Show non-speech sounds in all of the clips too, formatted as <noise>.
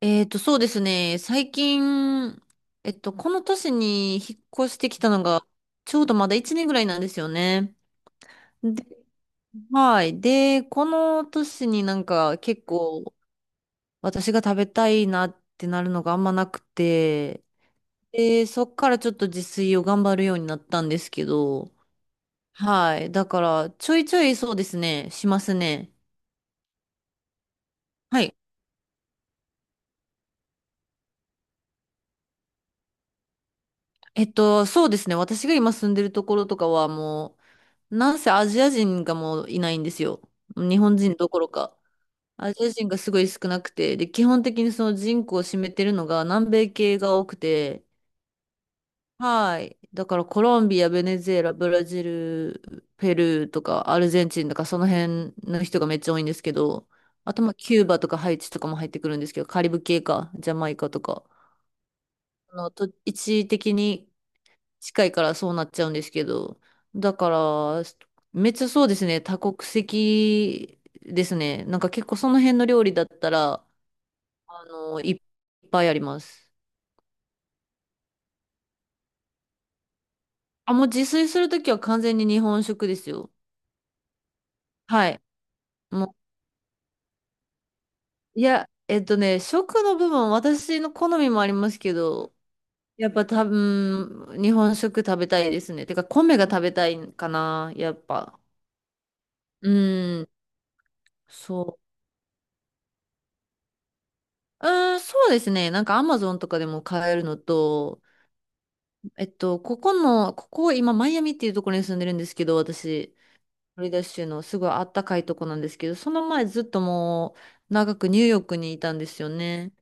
そうですね。最近、この年に引っ越してきたのが、ちょうどまだ1年ぐらいなんですよね。で、はい。で、この年になんか結構私が食べたいなってなるのがあんまなくて、で、そっからちょっと自炊を頑張るようになったんですけど、はい。だから、ちょいちょいそうですね、しますね。はい。そうですね。私が今住んでるところとかはもう、なんせアジア人がもういないんですよ。日本人どころか。アジア人がすごい少なくて、で、基本的にその人口を占めてるのが南米系が多くて、はい。だからコロンビア、ベネズエラ、ブラジル、ペルーとかアルゼンチンとかその辺の人がめっちゃ多いんですけど、あとまあキューバとかハイチとかも入ってくるんですけど、カリブ系か、ジャマイカとか、あのと一時的に近いからそうなっちゃうんですけど。だから、めっちゃそうですね、多国籍ですね。なんか結構その辺の料理だったら、いっぱいあります。あ、もう自炊するときは完全に日本食ですよ。はい。もう、いや、食の部分、私の好みもありますけど、やっぱ多分、日本食食べたいですね。てか、米が食べたいかな、やっぱ。うん。そう。うそうですね。なんかアマゾンとかでも買えるのと、ここ今マイアミっていうところに住んでるんですけど、私、フロリダ州のすごいあったかいとこなんですけど、その前ずっともう長くニューヨークにいたんですよね。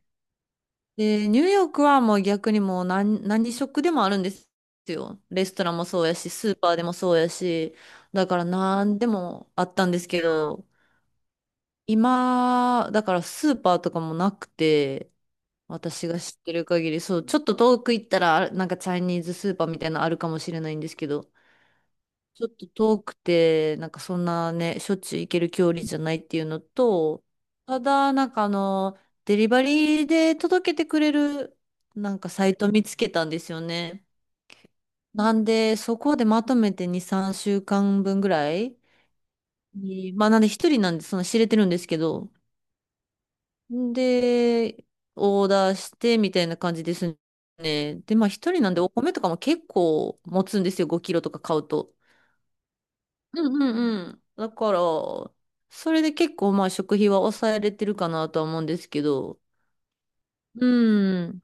で、ニューヨークはもう逆にもう何食でもあるんですよ。レストランもそうやし、スーパーでもそうやし、だから何でもあったんですけど、今、だからスーパーとかもなくて、私が知ってる限り、そう、ちょっと遠く行ったら、なんかチャイニーズスーパーみたいなのあるかもしれないんですけど、ちょっと遠くて、なんかそんなね、しょっちゅう行ける距離じゃないっていうのと、ただ、なんかデリバリーで届けてくれる、なんかサイト見つけたんですよね。なんで、そこでまとめて2、3週間分ぐらいになんで一人なんで、その知れてるんですけど、で、オーダーしてみたいな感じですね。で、まあ一人なんでお米とかも結構持つんですよ。5キロとか買うと。うんうんうん。だから、それで結構まあ食費は抑えれてるかなとは思うんですけど。うん。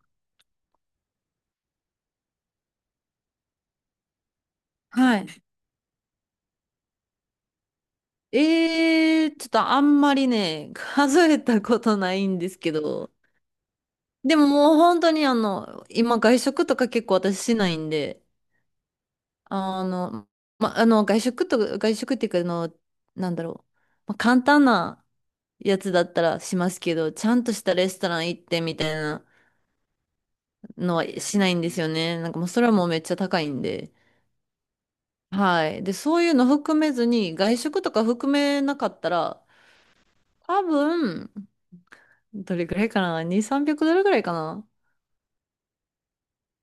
はい。ええちょっとあんまりね、数えたことないんですけど。でももう本当に今外食とか結構私しないんで。あの、ま、あの、外食っていうか、なんだろう。まあ、簡単なやつだったらしますけど、ちゃんとしたレストラン行ってみたいなのはしないんですよね。なんかもうそれはもうめっちゃ高いんで。はい。で、そういうの含めずに、外食とか含めなかったら、多分、どれぐらいかな？ 2、300ドルぐらいかな。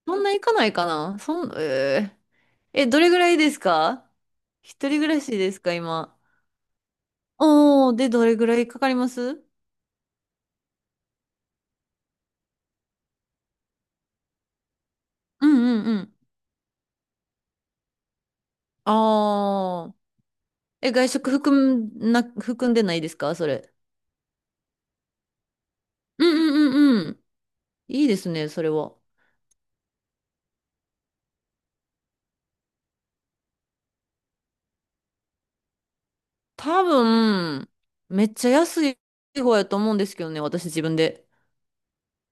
そんないかないかな。そん、えー、え、どれぐらいですか？一人暮らしですか、今？おー、で、どれぐらいかかります？うんうんうん。ああ。え、外食含んでないですかそれ？うんうんうんうん。いいですね、それは。多分、めっちゃ安い方やと思うんですけどね、私自分で。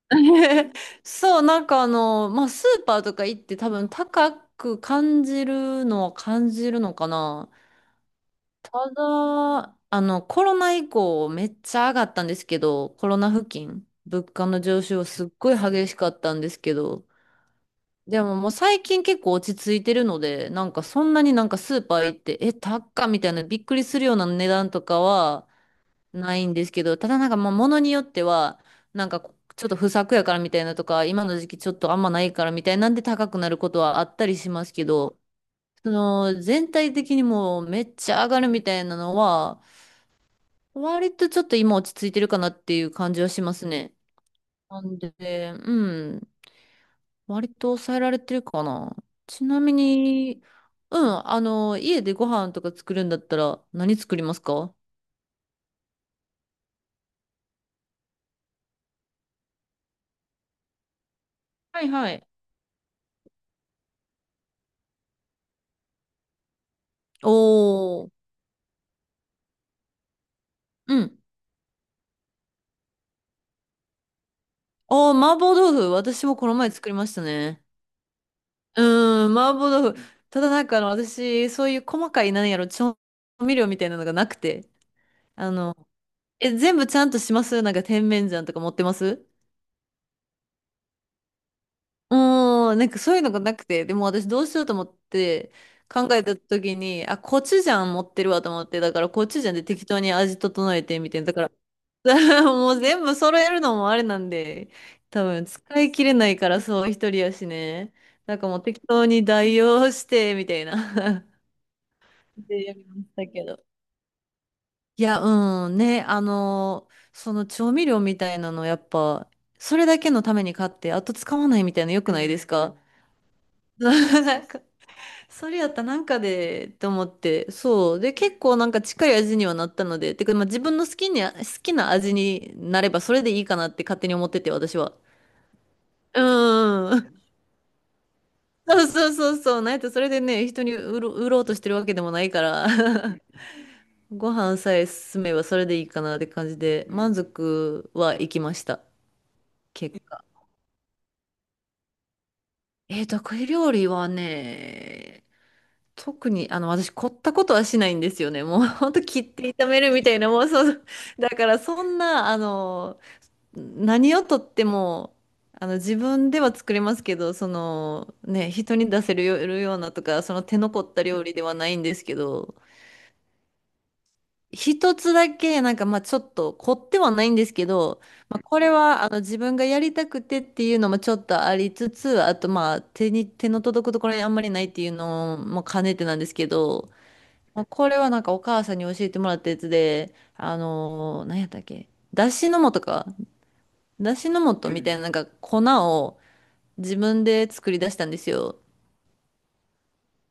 <laughs> そう、なんかまあ、スーパーとか行って多分高く感じるのは感じるのかな。ただ、コロナ以降めっちゃ上がったんですけど、コロナ付近、物価の上昇すっごい激しかったんですけど、でももう最近結構落ち着いてるので、なんかそんなになんかスーパー行って、え、高っみたいなびっくりするような値段とかはないんですけど、ただなんかまあ物によっては、なんかちょっと不作やからみたいなとか、今の時期ちょっとあんまないからみたいなんで高くなることはあったりしますけど、その全体的にもうめっちゃ上がるみたいなのは、割とちょっと今落ち着いてるかなっていう感じはしますね。なんで、うん。割と抑えられてるかな。ちなみに、うん、家でご飯とか作るんだったら何作りますか？はいはい。おー、うん。おー、麻婆豆腐。私もこの前作りましたね。うーん、麻婆豆腐。ただなんか私、そういう細かい、なんやろ、調味料みたいなのがなくて。あの、え、全部ちゃんとします？なんか甜麺醤とか持ってます？うん、なんかそういうのがなくて、でも私どうしようと思って考えた時に、あ、コチュジャン持ってるわと思って、だからコチュジャンで適当に味整えてみて、だから <laughs> もう全部揃えるのもあれなんで、多分使い切れないからそう一人やしね。なんかもう適当に代用してみたいな <laughs> でやりましたけど。いや、うんね、その調味料みたいなのやっぱ、それだけのために買って、あと使わないみたいなの良くないですか？ <laughs> なんか <laughs> それやったらなんかで、と思って、そう。で、結構なんか近い味にはなったので、てか、まあ、自分の好きに、好きな味になればそれでいいかなって勝手に思ってて、私は。うんんん。<laughs> そうそうそうそう。なんやったらそれでね、人に売ろうとしてるわけでもないから、<laughs> ご飯さえ進めばそれでいいかなって感じで、満足はいきました。結果。えー、得意料理はね、特に、私、凝ったことはしないんですよね。もう、<laughs> ほんと切って炒めるみたいな、もう、そう、だから、そんな、何をとっても、自分では作れますけど、その、ね、人に出せるよようなとか、その手の凝った料理ではないんですけど、一つだけ、なんか、まあ、ちょっと凝ってはないんですけど、まあ、これは、自分がやりたくてっていうのもちょっとありつつ、あと、まあ、手の届くところにあんまりないっていうのも兼ねてなんですけど、まあ、これはなんかお母さんに教えてもらったやつで、何やったっけだしの素か。だしの素とみたいななんか粉を自分で作り出したんですよ。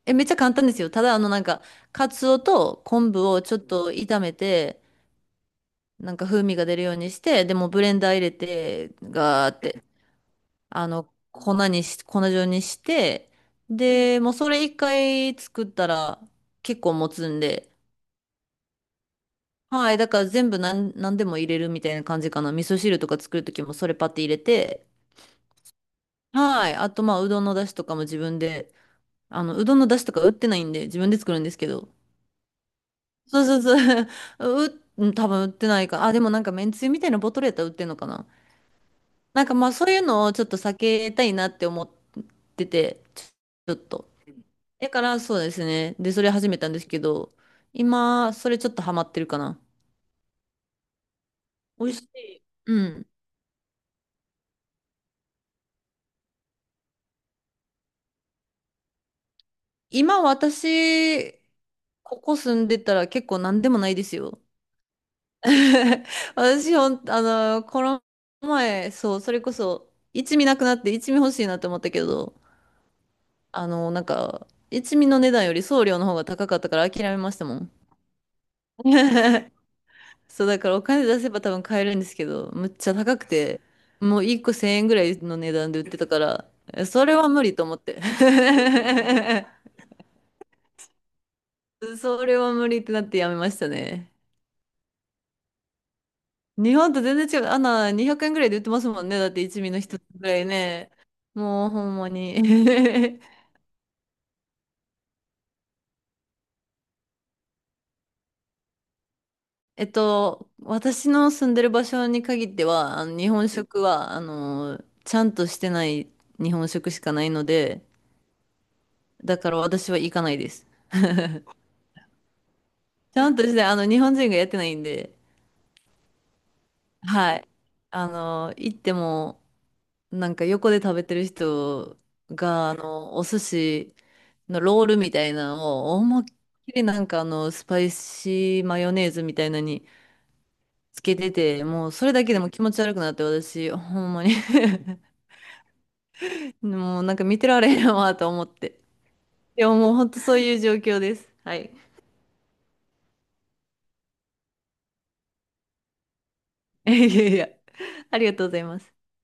え、めっちゃ簡単ですよ。ただなんか、カツオと昆布をちょっと炒めて、なんか風味が出るようにして、でもブレンダー入れて、ガーって、粉状にして、で、もうそれ一回作ったら結構持つんで、はい。だから全部何でも入れるみたいな感じかな。味噌汁とか作るときもそれパッて入れて。はい。あと、まあ、うどんの出汁とかも自分で、うどんの出汁とか売ってないんで、自分で作るんですけど。そうそうそう。<laughs> うん多分売ってないか。あ、でもなんかめんつゆみたいなボトルやったら売ってんのかな。なんかまあ、そういうのをちょっと避けたいなって思ってて、ちょっと。だから、そうですね。で、それ始めたんですけど、今、それちょっとハマってるかな。美味しい。うん今私、ここ住んでたら結構何でもないですよ。<laughs> 私ほん、あの、この前、そう、それこそ、一味なくなって一味欲しいなって思ったけど、なんか、一味の値段より送料の方が高かったから諦めましたもん。<laughs> そう、だからお金出せば多分買えるんですけど、むっちゃ高くて、もう一個千円ぐらいの値段で売ってたから、それは無理と思って。<laughs> それは無理ってなってやめましたね。日本と全然違う。あんな200円ぐらいで売ってますもんね。だって一味の一つぐらいね。もうほんまに。<laughs> 私の住んでる場所に限っては、あの日本食は、ちゃんとしてない日本食しかないので、だから私は行かないです。ちゃんとして、日本人がやってないんで、はい。行っても、なんか横で食べてる人が、お寿司のロールみたいなのを、思いっきりなんかスパイシーマヨネーズみたいなのにつけてて、もうそれだけでも気持ち悪くなって、私、ほんまに <laughs> もうなんか見てられへんわと思って。でももうほんとそういう状況です。はい。<laughs> いやいやいや、ありがとうございます。